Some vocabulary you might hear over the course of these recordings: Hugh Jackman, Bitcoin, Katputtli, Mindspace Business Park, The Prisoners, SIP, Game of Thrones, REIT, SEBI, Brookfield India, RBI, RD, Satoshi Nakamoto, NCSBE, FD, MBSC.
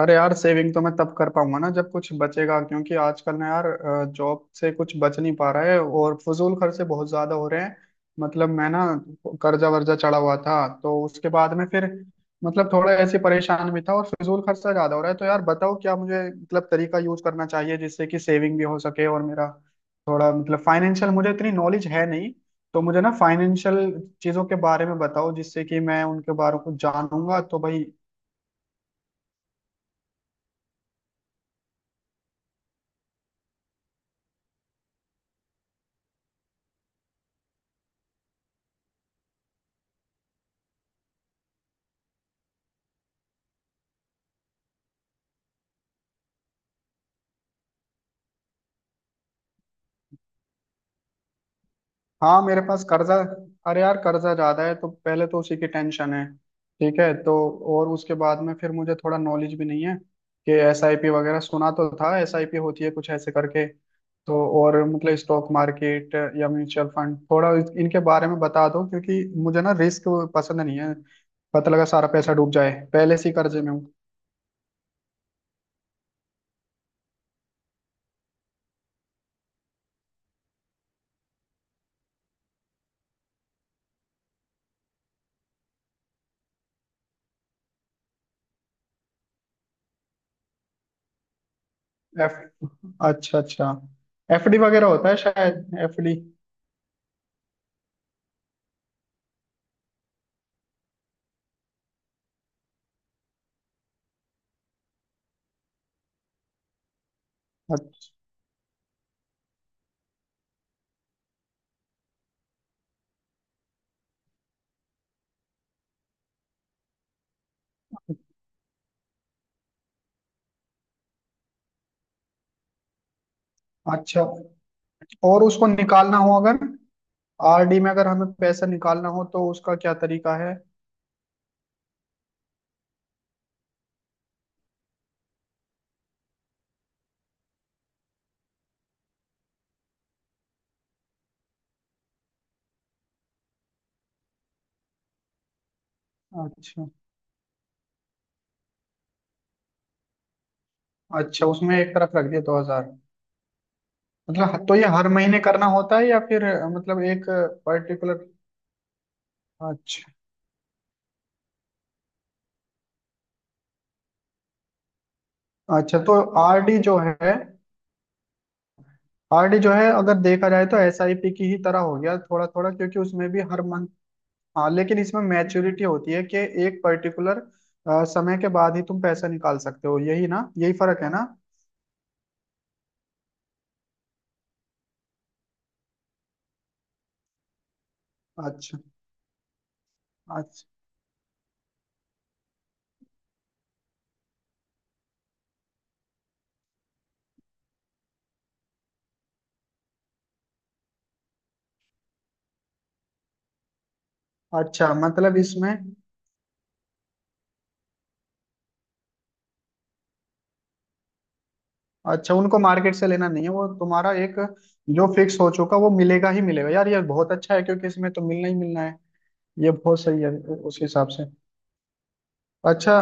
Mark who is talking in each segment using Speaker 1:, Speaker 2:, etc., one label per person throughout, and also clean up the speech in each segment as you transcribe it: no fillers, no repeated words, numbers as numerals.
Speaker 1: अरे यार, सेविंग तो मैं तब कर पाऊंगा ना जब कुछ बचेगा, क्योंकि आजकल ना यार जॉब से कुछ बच नहीं पा रहा है और फजूल खर्चे बहुत ज्यादा हो रहे हैं। मतलब, मैं ना कर्जा वर्जा चढ़ा हुआ था तो उसके बाद में फिर, मतलब थोड़ा ऐसे परेशान भी था और फिजूल खर्चा ज्यादा हो रहा है। तो यार बताओ क्या मुझे, मतलब, तरीका यूज करना चाहिए जिससे कि सेविंग भी हो सके और मेरा थोड़ा, मतलब, फाइनेंशियल, मुझे इतनी नॉलेज है नहीं। तो मुझे ना फाइनेंशियल चीजों के बारे में बताओ, जिससे कि मैं उनके बारे को जानूंगा तो भाई। हाँ, मेरे पास कर्जा अरे यार कर्जा ज्यादा है तो पहले तो उसी की टेंशन है। ठीक है, तो और उसके बाद में फिर मुझे थोड़ा नॉलेज भी नहीं है कि एस आई पी वगैरह, सुना तो था एस आई पी होती है कुछ ऐसे करके। तो और, मतलब, स्टॉक मार्केट या म्यूचुअल फंड, थोड़ा इनके बारे में बता दो, क्योंकि मुझे ना रिस्क पसंद नहीं है। पता लगा सारा पैसा डूब जाए, पहले से ही कर्जे में हूँ। एफ अच्छा, अच्छा। एफ डी वगैरह होता है शायद, एफ डी। अच्छा। और उसको निकालना हो अगर आरडी में अगर हमें पैसा निकालना हो तो उसका क्या तरीका है? अच्छा। अच्छा, उसमें एक तरफ रख दिया 2,000। मतलब तो ये हर महीने करना होता है, या फिर मतलब एक पर्टिकुलर। अच्छा। अच्छा, तो आरडी जो है, अगर देखा जाए तो एसआईपी की ही तरह हो गया थोड़ा थोड़ा, क्योंकि उसमें भी हर मंथ। हाँ, लेकिन इसमें मैच्योरिटी होती है कि एक पर्टिकुलर समय के बाद ही तुम पैसा निकाल सकते हो, यही ना, यही फर्क है ना? अच्छा। अच्छा। अच्छा, मतलब इसमें। अच्छा, उनको मार्केट से लेना नहीं है, वो तुम्हारा एक जो फिक्स हो चुका वो मिलेगा ही मिलेगा। यार ये बहुत अच्छा है क्योंकि इसमें तो मिलना ही मिलना है। ये बहुत सही है उस हिसाब से। अच्छा।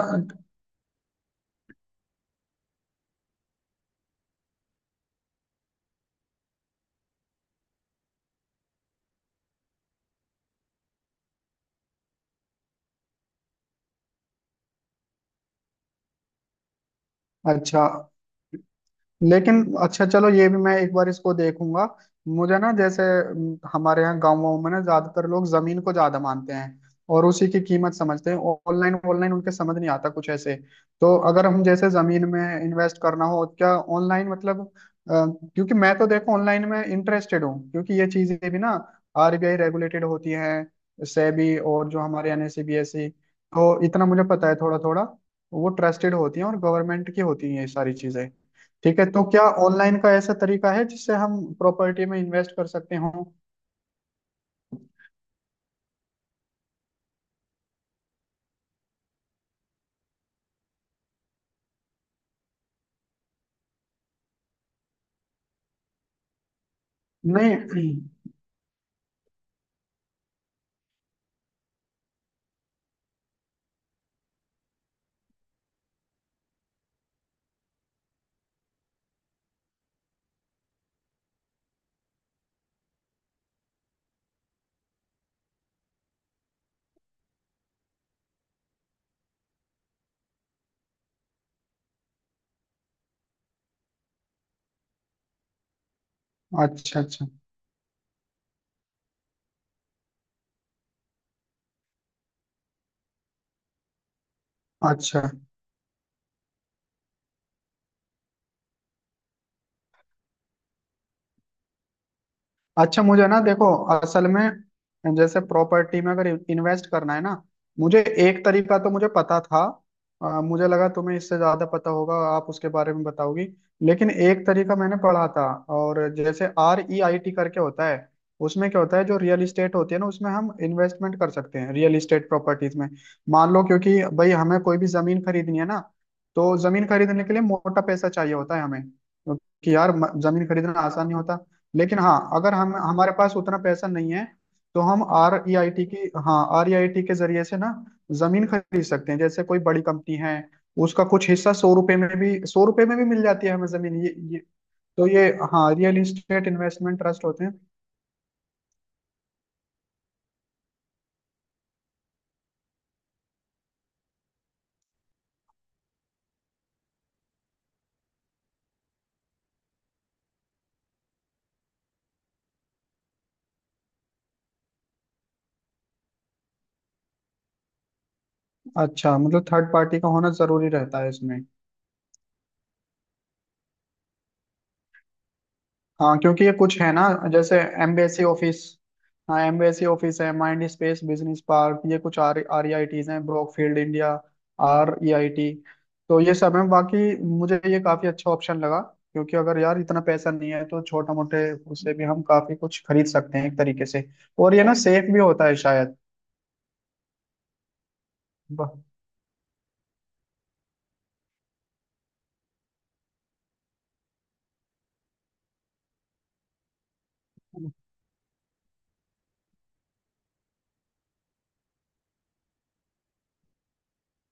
Speaker 1: अच्छा। लेकिन अच्छा, चलो ये भी मैं एक बार इसको देखूंगा। मुझे ना, जैसे हमारे यहाँ गाँव वाँव में ना ज्यादातर लोग जमीन को ज्यादा मानते हैं और उसी की कीमत समझते हैं। ऑनलाइन ऑनलाइन उनके समझ नहीं आता कुछ ऐसे। तो अगर हम जैसे जमीन में इन्वेस्ट करना हो, तो क्या ऑनलाइन, मतलब, अ, क्योंकि मैं तो देखो ऑनलाइन में इंटरेस्टेड हूँ, क्योंकि ये चीजें भी ना आरबीआई रेगुलेटेड होती हैं, सेबी और जो हमारे एनएसीबीएसई, तो इतना मुझे पता है थोड़ा थोड़ा। वो ट्रस्टेड होती हैं और गवर्नमेंट की होती हैं ये सारी चीजें। ठीक है, तो क्या ऑनलाइन का ऐसा तरीका है जिससे हम प्रॉपर्टी में इन्वेस्ट कर सकते हो? नहीं। अच्छा। अच्छा। अच्छा। अच्छा, मुझे ना देखो, असल में जैसे प्रॉपर्टी में अगर इन्वेस्ट करना है ना, मुझे एक तरीका तो मुझे पता था। मुझे लगा तुम्हें इससे ज्यादा पता होगा, आप उसके बारे में बताओगी। लेकिन एक तरीका मैंने पढ़ा था, और जैसे आर ई आई टी करके होता है। उसमें क्या होता है, जो रियल इस्टेट होती है ना, उसमें हम इन्वेस्टमेंट कर सकते हैं, रियल इस्टेट प्रॉपर्टीज में। मान लो, क्योंकि भाई हमें कोई भी जमीन खरीदनी है ना, तो जमीन खरीदने के लिए मोटा पैसा चाहिए होता है हमें। कि यार जमीन खरीदना आसान नहीं होता। लेकिन हाँ, अगर हम, हमारे पास उतना पैसा नहीं है, तो हम आर ई आई टी की हाँ, आर ई आई टी के जरिए से ना जमीन खरीद सकते हैं। जैसे कोई बड़ी कंपनी है, उसका कुछ हिस्सा 100 रुपए में भी, 100 रुपए में भी मिल जाती है हमें जमीन, ये। तो ये, हाँ, रियल इस्टेट इन्वेस्टमेंट ट्रस्ट होते हैं। अच्छा, मतलब थर्ड पार्टी का होना जरूरी रहता है इसमें। हाँ, क्योंकि ये कुछ है ना, जैसे एमबीएससी ऑफिस। हाँ, एमबीएससी ऑफिस है, माइंड स्पेस बिजनेस पार्क, ये कुछ आर आर हैं, Brookfield India R E I T. तो ये सब है बाकी। मुझे ये काफी अच्छा ऑप्शन लगा, क्योंकि अगर यार इतना पैसा नहीं है तो छोटा मोटे उससे भी हम काफी कुछ खरीद सकते हैं एक तरीके से। और ये ना सेफ भी होता है शायद। ब-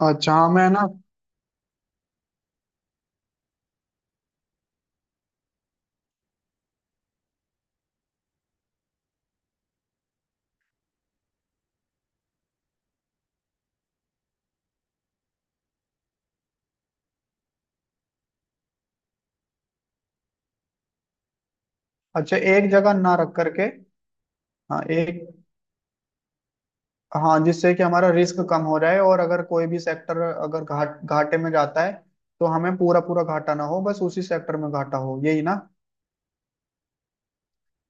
Speaker 1: अच्छा। हाँ, मैं ना, अच्छा, एक जगह ना रख करके, हाँ एक, हाँ, जिससे कि हमारा रिस्क कम हो जाए, और अगर कोई भी सेक्टर अगर घाटे में जाता है तो हमें पूरा पूरा घाटा ना हो, बस उसी सेक्टर में घाटा हो, यही ना।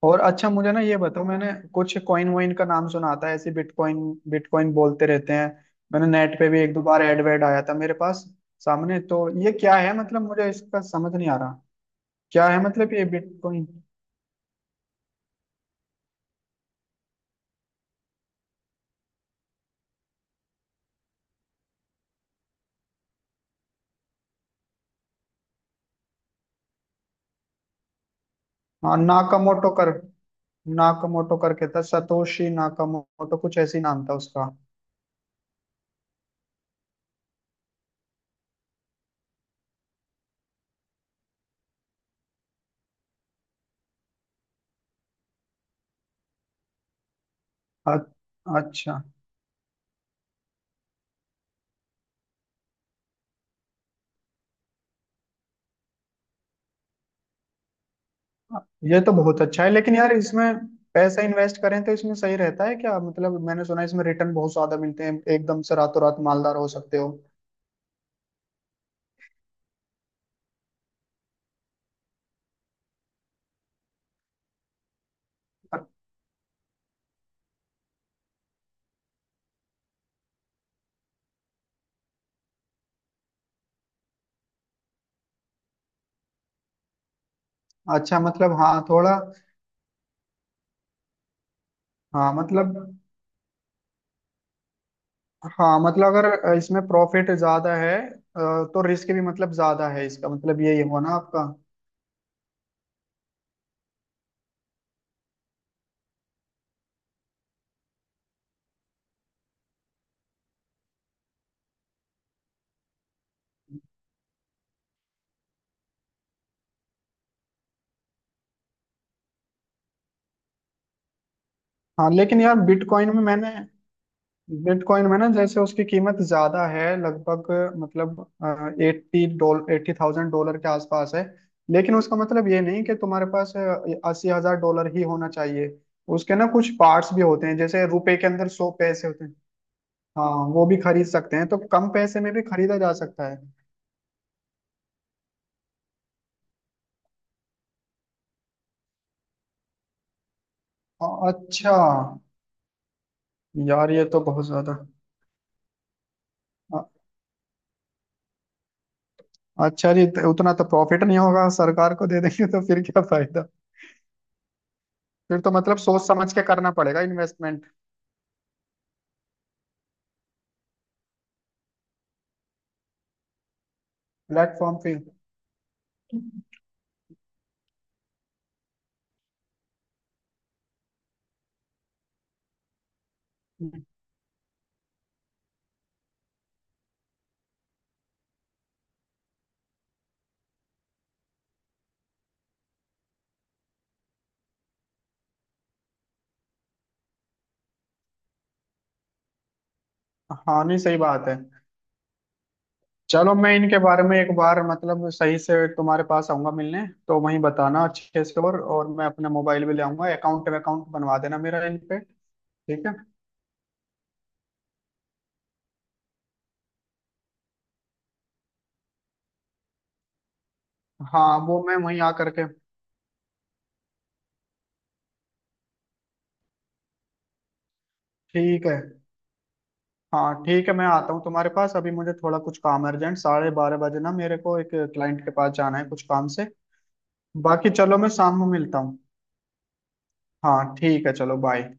Speaker 1: और अच्छा, मुझे ना ये बताओ, मैंने कुछ कॉइन वॉइन का नाम सुना था ऐसे, बिटकॉइन, बिटकॉइन बोलते रहते हैं। मैंने नेट पे भी एक दो बार एड वेड आया था मेरे पास सामने, तो ये क्या है? मतलब मुझे इसका समझ नहीं आ रहा क्या है, मतलब ये बिटकॉइन। हाँ, नाकामोटो करके था, सतोशी नाकामोटो कुछ ऐसी नाम था उसका। अ- अच्छा। ये तो बहुत अच्छा है, लेकिन यार इसमें पैसा इन्वेस्ट करें तो इसमें सही रहता है क्या? मतलब मैंने सुना है इसमें रिटर्न बहुत ज्यादा मिलते हैं, एकदम से रातों रात मालदार हो सकते हो। अच्छा, मतलब हाँ थोड़ा। हाँ, मतलब, हाँ, मतलब अगर इसमें प्रॉफिट ज्यादा है तो रिस्क भी, मतलब, ज्यादा है, इसका मतलब यही हुआ ना आपका? हाँ, लेकिन यार, बिटकॉइन में ना जैसे उसकी कीमत ज्यादा है लगभग, मतलब 80,000 डॉलर के आसपास है। लेकिन उसका मतलब ये नहीं कि तुम्हारे पास 80,000 डॉलर ही होना चाहिए। उसके ना कुछ पार्ट्स भी होते हैं, जैसे रुपए के अंदर 100 पैसे होते हैं। हाँ, वो भी खरीद सकते हैं, तो कम पैसे में भी खरीदा जा सकता है। अच्छा, यार ये तो बहुत ज्यादा। अ- अच्छा जी, तो उतना तो प्रॉफिट नहीं होगा, सरकार को दे देंगे तो फिर क्या फायदा। फिर तो, मतलब, सोच समझ के करना पड़ेगा इन्वेस्टमेंट। Platform fee. हाँ, नहीं, सही बात है। चलो, मैं इनके बारे में एक बार, मतलब, सही से तुम्हारे पास आऊंगा मिलने, तो वहीं बताना अच्छे से। और मैं अपना मोबाइल भी ले आऊंगा, अकाउंट अकाउंट बनवा देना मेरा इन पे। ठीक है। हाँ, वो मैं वहीं आ करके। ठीक है। हाँ, ठीक है, मैं आता हूँ तुम्हारे पास। अभी मुझे थोड़ा कुछ काम अर्जेंट, 12:30 बजे ना मेरे को एक क्लाइंट के पास जाना है कुछ काम से। बाकी चलो, मैं शाम में मिलता हूँ। हाँ ठीक है, चलो बाय।